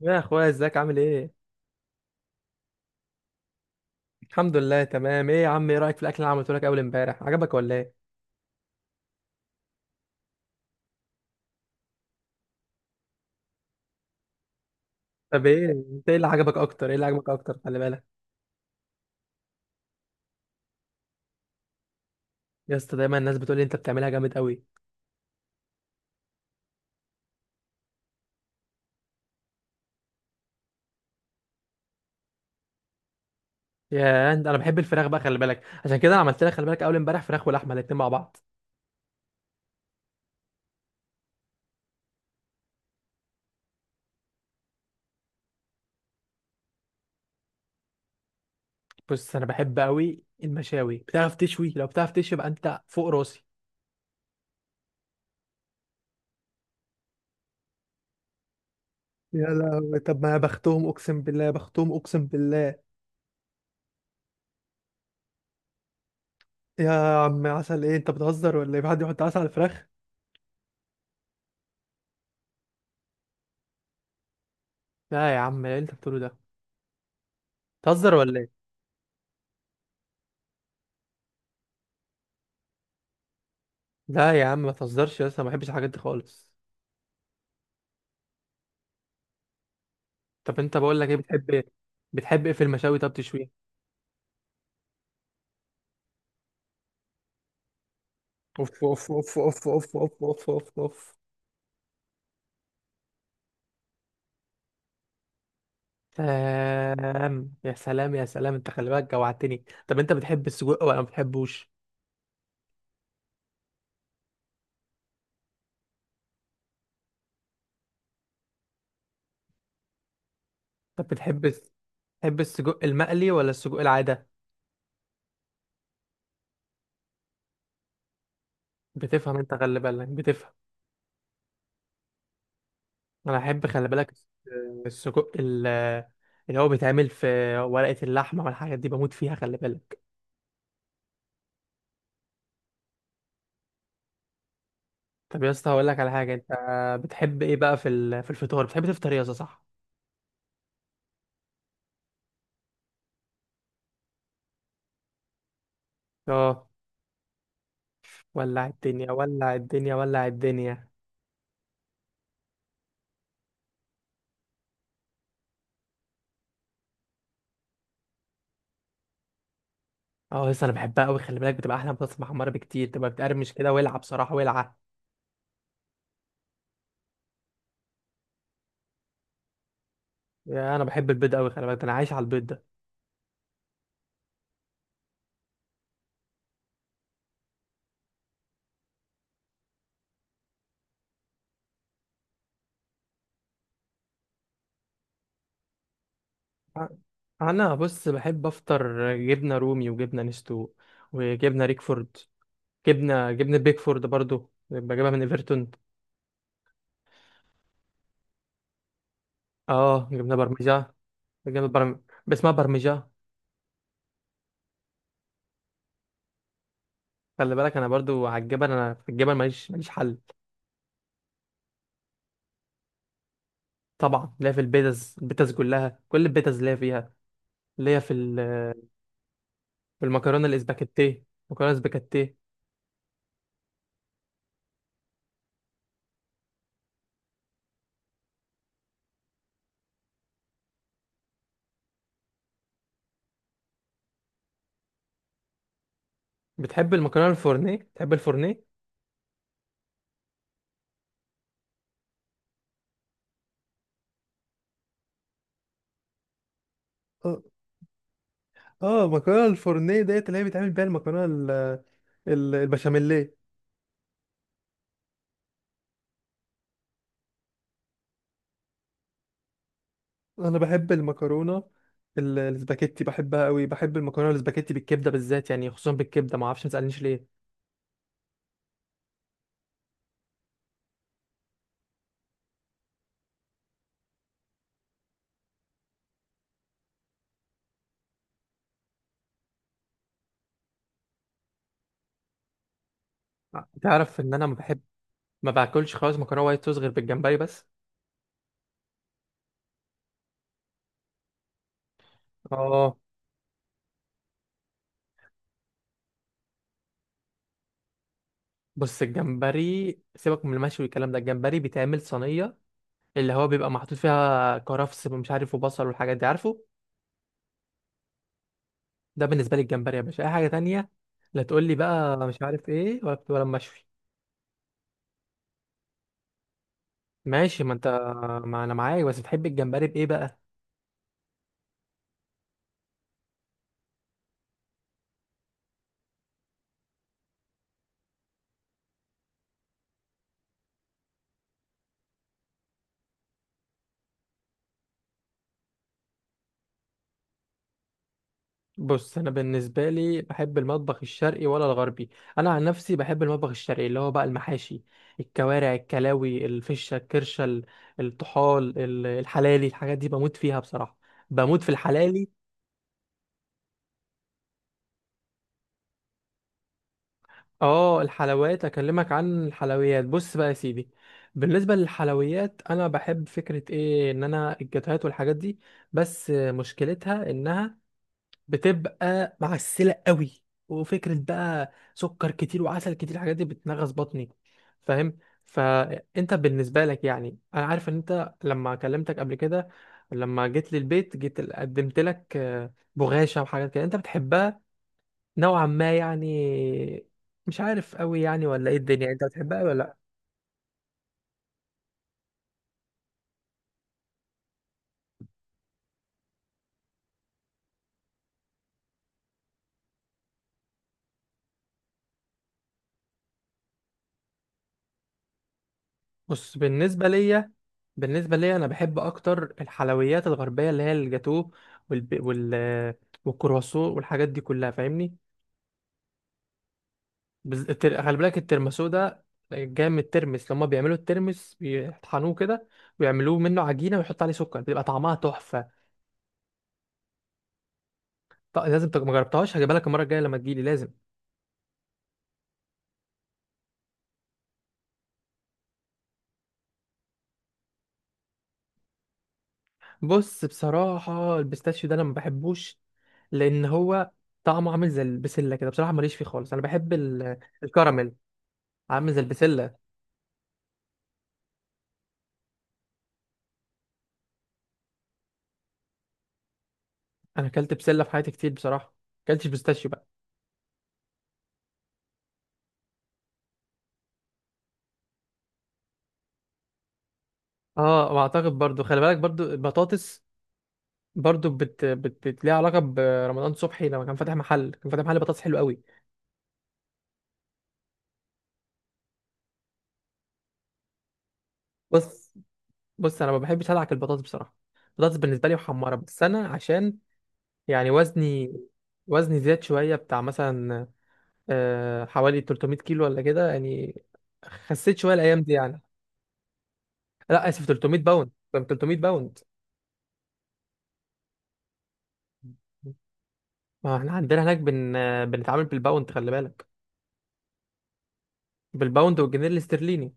يا اخويا، ازيك؟ عامل ايه؟ الحمد لله تمام. ايه يا عم، ايه رايك في الاكل اللي عملته لك اول امبارح؟ عجبك ولا ايه؟ طب ايه؟ انت ايه اللي عجبك اكتر؟ خلي بالك يا اسطى، دايما الناس بتقول لي انت بتعملها جامد قوي. يا انت، انا بحب الفراخ بقى، خلي بالك، عشان كده انا عملت لك، خلي بالك، اول امبارح فراخ ولحمه الاتنين مع بعض. بص، انا بحب قوي المشاوي، بتعرف تشوي؟ لو بتعرف تشوي يبقى انت فوق راسي. يا لهوي، طب ما بختهم، اقسم بالله بختهم، اقسم بالله. يا عم، عسل ايه؟ انت بتهزر ولا ايه؟ في حد يحط عسل على الفراخ؟ لا يا عم، ايه اللي انت بتقوله ده؟ بتهزر ولا ايه؟ لا يا عم ما تهزرش، يا اسطى ما بحبش الحاجات دي خالص. طب انت، بقول لك ايه، بتحب ايه؟ بتحب ايه في المشاوي؟ طب تشويه؟ اوف اوف اوف اوف اوف اوف اوف اوف اوف. سلام يا سلام يا سلام، انت خلي بالك جوعتني. طب انت بتحب السجق ولا ما بتحبوش؟ طب بتحب، بتحب السجق المقلي ولا السجق العاده؟ بتفهم انت، خلي بالك بتفهم. انا احب، خلي بالك، السجق اللي هو بيتعمل في ورقه اللحمه والحاجات دي بموت فيها، خلي بالك. طب يا اسطى هقول لك على حاجه، انت بتحب ايه بقى في في الفطار؟ بتحب تفطر ايه يا اسطى؟ صح؟ اه. ولع الدنيا، ولع الدنيا، ولع الدنيا. اه، لسه انا بحبها قوي، خلي بالك، بتبقى احلى من بطاطس محمره بكتير، تبقى بتقرمش كده، ولعه بصراحه، ولعه. يا، انا بحب البيض قوي، خلي بالك، ده انا عايش على البيض ده. انا بص، بحب افطر جبنه رومي وجبنه نستو وجبنه ريكفورد. جبنه بيكفورد برضو بجيبها من ايفرتون. اه، جبنه برمجه. جبنه برم... اسمها برمجه. خلي بالك انا برضو على الجبل، انا في الجبل ماليش حل. طبعا ليا في البيتز، البيتز كلها، كل البيتز ليا فيها. ليا في في المكرونه الاسباجيتيه، مكرونه اسباجيتيه. بتحب المكرونه الفورنيه؟ بتحب الفورنيه؟ اه، اه، المكرونه الفورنيه ديت اللي هي بيتعمل بيها المكرونه البشاميليه. انا بحب المكرونه الاسباجيتي، بحبها قوي، بحب المكرونه الاسباجيتي بالكبده بالذات، يعني خصوصا بالكبده، ما اعرفش، ما تسالنيش ليه. تعرف ان انا ما بحب، ما باكلش خالص مكرونه وايت صوص غير بالجمبري بس. اه، بص، الجمبري سيبك من المشوي والكلام ده. الجمبري بيتعمل صينيه اللي هو بيبقى محطوط فيها كرفس، مش عارف، وبصل والحاجات دي، عارفه. ده بالنسبه لي الجمبري يا باشا، اي حاجه تانية لا تقول لي بقى، مش عارف ايه، ولا ولا مشوي. ماشي، ما انت، ما انا معاك، بس بتحب الجمبري بايه بقى؟ بص انا، بالنسبه لي بحب المطبخ الشرقي ولا الغربي؟ انا عن نفسي بحب المطبخ الشرقي، اللي هو بقى المحاشي، الكوارع، الكلاوي، الفشه، الكرشه، الطحال، الحلالي، الحاجات دي بموت فيها بصراحه، بموت في الحلالي. اه، الحلويات، اكلمك عن الحلويات. بص بقى يا سيدي، بالنسبه للحلويات، انا بحب فكره، ايه ان انا الجاتوهات والحاجات دي، بس مشكلتها انها بتبقى معسله قوي، وفكره بقى سكر كتير وعسل كتير، الحاجات دي بتنغص بطني، فاهم؟ فانت بالنسبه لك، يعني انا عارف ان انت لما كلمتك قبل كده، لما جيت للبيت جيت قدمت لك بغاشه وحاجات كده انت بتحبها، نوعا ما يعني. مش عارف قوي يعني ولا ايه الدنيا، انت بتحبها قوي ولا لا؟ بص بالنسبه ليا بالنسبه ليا، انا بحب اكتر الحلويات الغربيه، اللي هي الجاتوه والب... وال والكرواسون والحاجات دي كلها، فاهمني؟ خلي بالك الترمسو ده جاي من الترمس، لما بيعملوا الترمس بيطحنوه كده ويعملوه منه عجينه ويحط عليه سكر، بيبقى طعمها تحفه. لازم ما جربتهاش، هجيبها لك المره الجايه لما تجيلي، لازم. بص، بصراحه البيستاشيو ده انا ما بحبوش، لان هو طعمه عامل زي البسله كده، بصراحه ماليش فيه خالص. انا بحب الكراميل. عامل زي البسله. انا اكلت بسله في حياتي كتير بصراحه، اكلتش بيستاشيو بقى. اه، واعتقد برضو، خلي بالك، برضو البطاطس برضو ليها علاقه برمضان صبحي، لما كان فاتح محل، كان فاتح محل بطاطس حلو قوي. بص بص، انا ما بحبش ادعك البطاطس بصراحه، البطاطس بالنسبه لي محمره بس، انا عشان يعني وزني، وزني زاد شويه بتاع مثلا، حوالي 300 كيلو ولا كده يعني، خسيت شويه الايام دي يعني. لا اسف، 300 باوند، طب 300 باوند، ما احنا عندنا هناك بنتعامل بالباوند، خلي بالك، بالباوند والجنيه الاسترليني.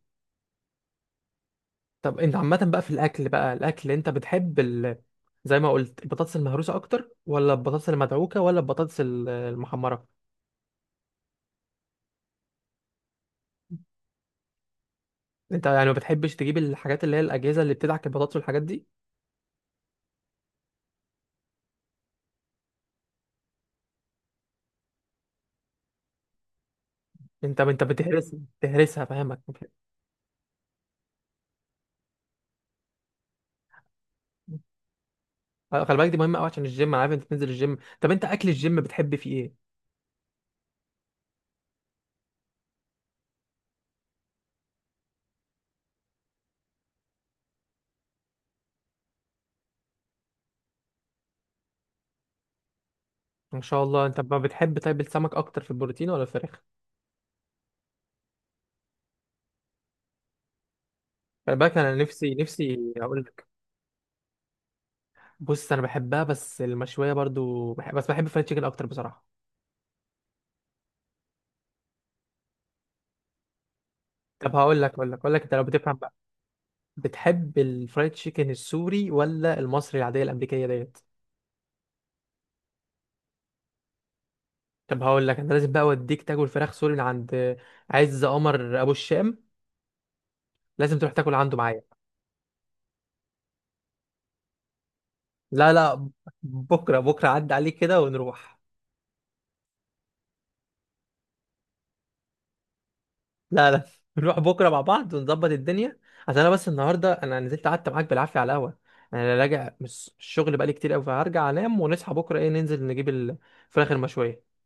طب انت عامة بقى في الأكل بقى، الأكل أنت بتحب ال... زي ما قلت البطاطس المهروسة أكتر ولا البطاطس المدعوكة ولا البطاطس المحمرة؟ أنت يعني ما بتحبش تجيب الحاجات اللي هي الأجهزة اللي بتدعك البطاطس والحاجات دي؟ أنت بتهرس، بتهرسها، فاهمك. خلي بالك دي مهمة أوي عشان الجيم. أنا عارف أنت بتنزل الجيم، طب أنت أكل الجيم بتحب فيه إيه؟ ما شاء الله. أنت ما بتحب طيب السمك أكتر في البروتين ولا الفراخ؟ خلي بالك، انا نفسي اقول لك، بص انا بحبها بس، المشويه برضو بحب، بس بحب الفرايد تشيكن اكتر بصراحه. طب هقول لك، اقول لك، انت لو بتفهم بقى، بتحب الفرايد تشيكن السوري ولا المصري العاديه الامريكيه ديت؟ طب هقول لك، انا لازم بقى اوديك تاكل فراخ سوري من عند عز قمر ابو الشام، لازم تروح تاكل عنده معايا. لا، بكره، بكره عدى عليك كده ونروح. لا نروح بكره مع بعض ونظبط الدنيا، عشان انا بس النهارده انا نزلت قعدت معاك بالعافيه على القهوه، انا راجع من الشغل بقالي كتير قوي، فهرجع انام ونصحى بكره ايه ننزل نجيب الفراخ المشويه.